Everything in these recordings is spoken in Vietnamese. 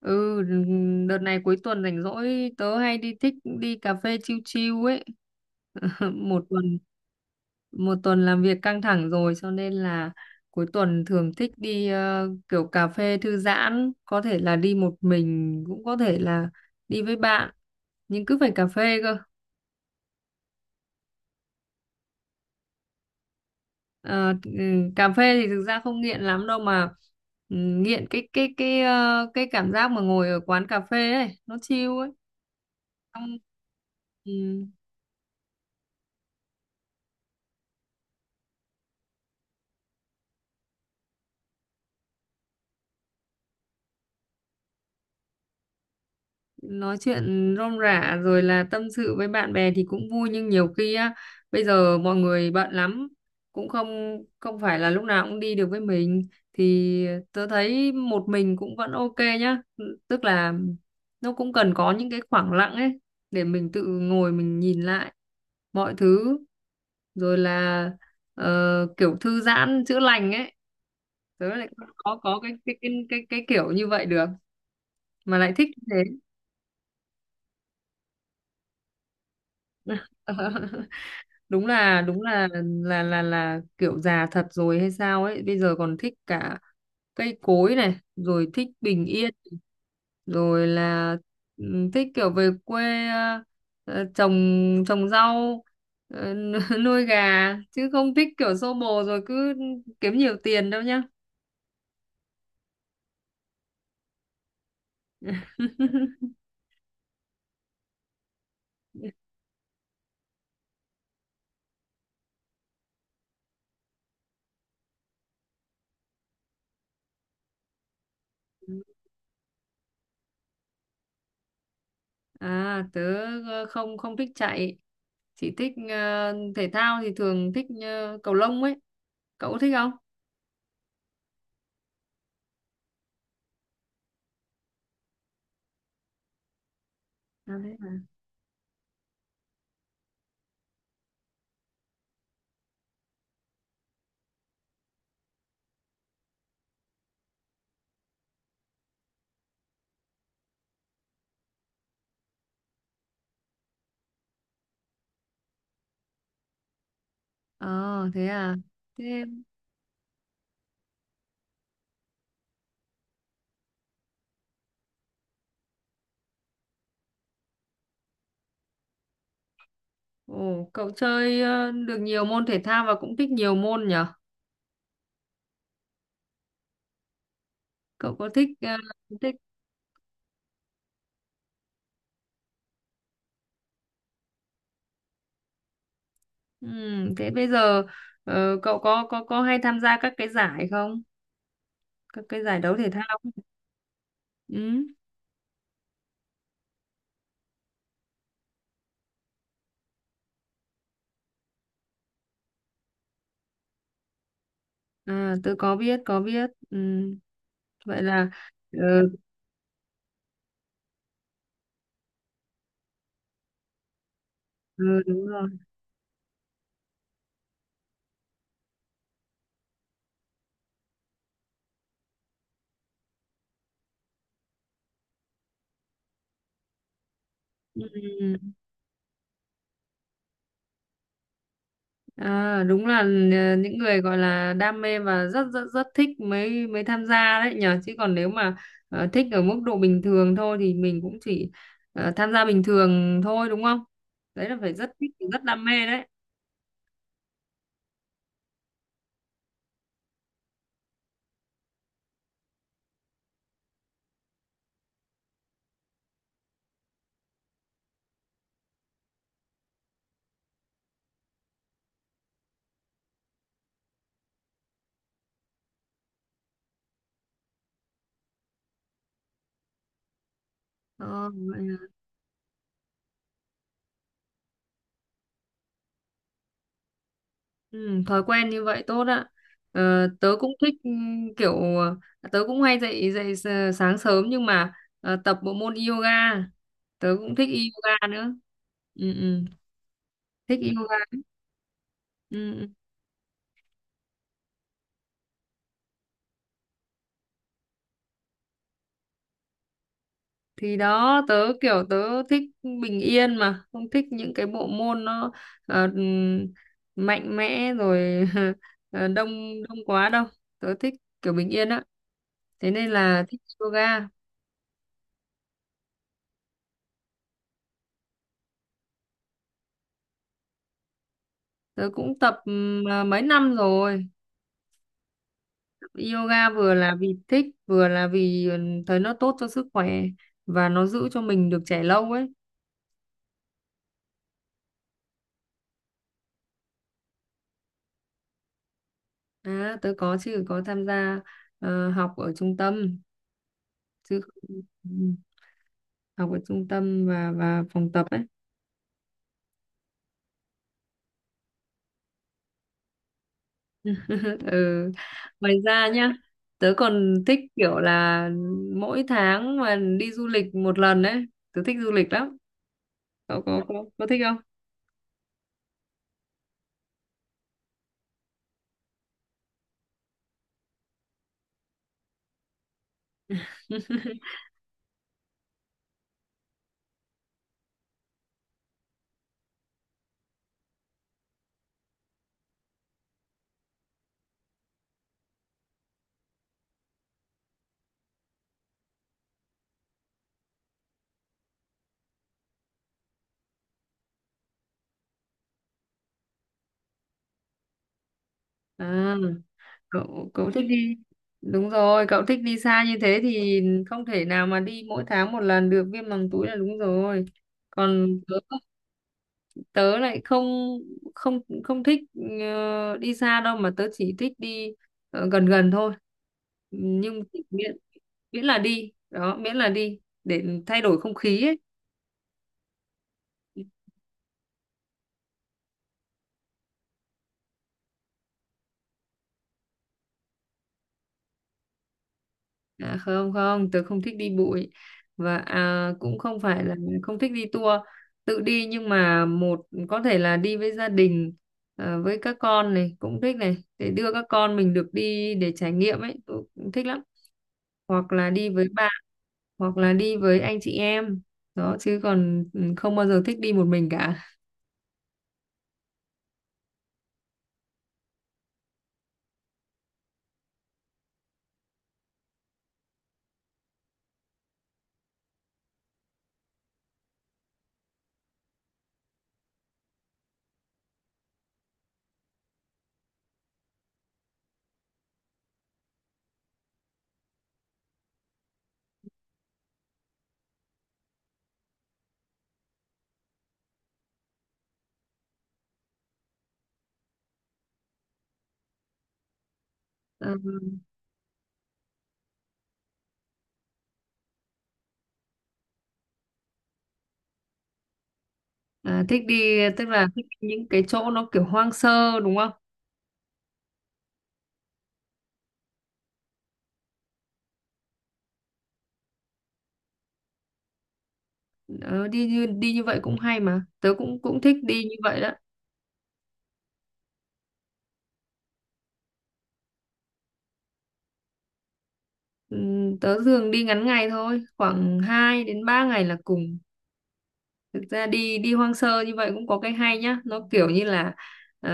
Ừ, đợt này cuối tuần rảnh rỗi tớ hay đi thích đi cà phê chill chill ấy. Một tuần một tuần làm việc căng thẳng rồi cho nên là cuối tuần thường thích đi kiểu cà phê thư giãn, có thể là đi một mình cũng có thể là đi với bạn, nhưng cứ phải cà phê cơ. Ờ, ừ, cà phê thì thực ra không nghiện lắm đâu mà ừ, nghiện cái cái cảm giác mà ngồi ở quán cà phê ấy, nó chill ấy. Xong, ừ. Nói chuyện rôm rả rồi là tâm sự với bạn bè thì cũng vui nhưng nhiều khi á bây giờ mọi người bận lắm cũng không không phải là lúc nào cũng đi được với mình thì tớ thấy một mình cũng vẫn ok nhá, tức là nó cũng cần có những cái khoảng lặng ấy để mình tự ngồi mình nhìn lại mọi thứ rồi là ờ, kiểu thư giãn chữa lành ấy, tớ lại không có cái kiểu như vậy được mà lại thích như thế. Đúng là kiểu già thật rồi hay sao ấy bây giờ còn thích cả cây cối này rồi thích bình yên rồi là ừ, thích kiểu về quê trồng trồng rau. ờ, Nuôi gà chứ không thích kiểu xô bồ rồi cứ kiếm nhiều tiền đâu nhá. À tớ không không thích chạy, chỉ thích thể thao thì thường thích cầu lông ấy, cậu có thích không? À, ờ thế à. Thế ồ cậu chơi được nhiều môn thể thao và cũng thích nhiều môn nhở? Cậu có thích thích ừ, thế bây giờ cậu có hay tham gia các cái giải không? Các cái giải đấu thể thao. Ừ. À tôi có biết. Ừ. Vậy là ờ, ừ, đúng rồi. Ừ. À, đúng là những người gọi là đam mê và rất rất rất thích mới mới tham gia đấy nhở, chứ còn nếu mà thích ở mức độ bình thường thôi thì mình cũng chỉ tham gia bình thường thôi đúng không? Đấy là phải rất thích rất đam mê đấy. Ờ, vậy là- ừ, thói quen như vậy tốt ạ. Ờ, tớ cũng thích ừ, kiểu tớ cũng hay dậy dậy sáng sớm nhưng mà tập bộ môn yoga. Tớ cũng thích yoga nữa. Ừ, ừ, thích yoga. Ừ. Ừ. Thì đó tớ kiểu tớ thích bình yên mà không thích những cái bộ môn nó ờ, mạnh mẽ rồi đông đông quá đâu, tớ thích kiểu bình yên á, thế nên là thích yoga. Tớ cũng tập mấy năm rồi, yoga vừa là vì thích vừa là vì ừ, thấy nó tốt cho sức khỏe và nó giữ cho mình được trẻ lâu ấy. À, tớ có chứ, có tham gia học ở trung tâm chứ, ừ, học ở trung tâm và phòng tập ấy. Ừ. Ngoài ra nhá, tớ còn thích kiểu là mỗi tháng mà đi du lịch một lần đấy, tớ thích du lịch lắm. Cậu có thích không? À, cậu cậu thích đi. Đúng rồi, cậu thích đi xa như thế thì không thể nào mà đi mỗi tháng một lần được, viêm màng túi là đúng rồi. Còn tớ tớ lại không không không thích đi xa đâu mà tớ chỉ thích đi gần gần thôi, nhưng chỉ miễn miễn là đi đó, miễn là đi để thay đổi không khí ấy. À, không không tớ không thích đi bụi và à, cũng không phải là không thích đi tour, tự đi nhưng mà một có thể là đi với gia đình với các con này cũng thích này để đưa các con mình được đi để trải nghiệm ấy tớ cũng thích lắm, hoặc là đi với bạn, hoặc là đi với anh chị em đó, chứ còn ừ, không bao giờ thích đi một mình cả. Ờ, à, thích đi, tức là thích đi những cái chỗ nó kiểu hoang sơ đúng không? Ờ, đi như vậy cũng hay mà tớ cũng cũng thích đi như vậy đó. Tớ thường đi ngắn ngày thôi, khoảng 2 đến 3 ngày là cùng. Thực ra đi đi hoang sơ như vậy cũng có cái hay nhá, nó kiểu như là ờ,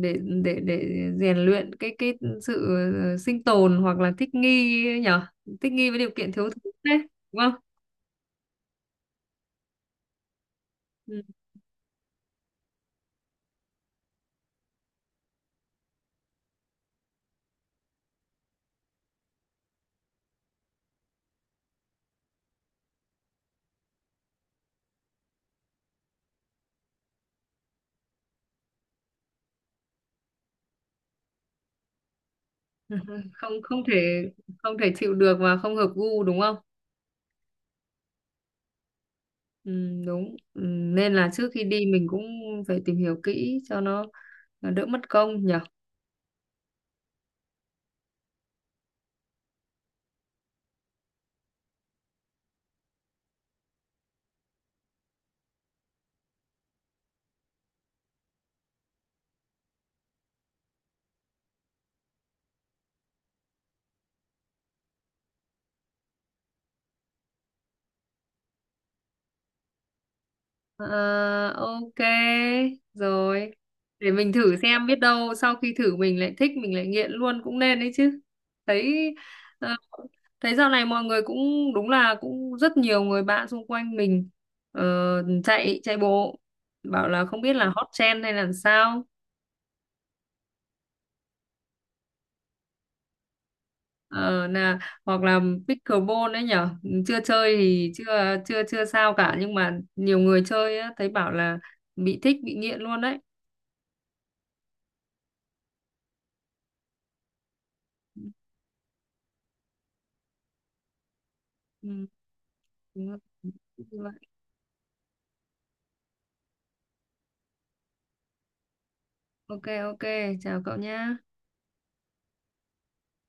để để rèn luyện cái sự sinh tồn hoặc là thích nghi nhở, thích nghi với điều kiện thiếu thốn đấy, đúng không? Ừ. không không thể, không thể chịu được và không hợp gu đúng không? Ừ, đúng ừ, nên là trước khi đi mình cũng phải tìm hiểu kỹ cho nó đỡ mất công nhỉ. Ờ, ok rồi, để mình thử xem biết đâu sau khi thử mình lại thích mình lại nghiện luôn cũng nên đấy chứ. Thấy ờ, thấy dạo này mọi người cũng đúng là cũng rất nhiều người bạn xung quanh mình ờ, chạy chạy bộ bảo là không biết là hot trend hay là sao. Ờ, là hoặc là pickleball đấy nhở, chưa chơi thì chưa chưa chưa sao cả nhưng mà nhiều người chơi á, thấy bảo là bị thích bị nghiện luôn đấy. Ừ, đúng rồi. Như vậy. Ok ok, chào cậu nhá.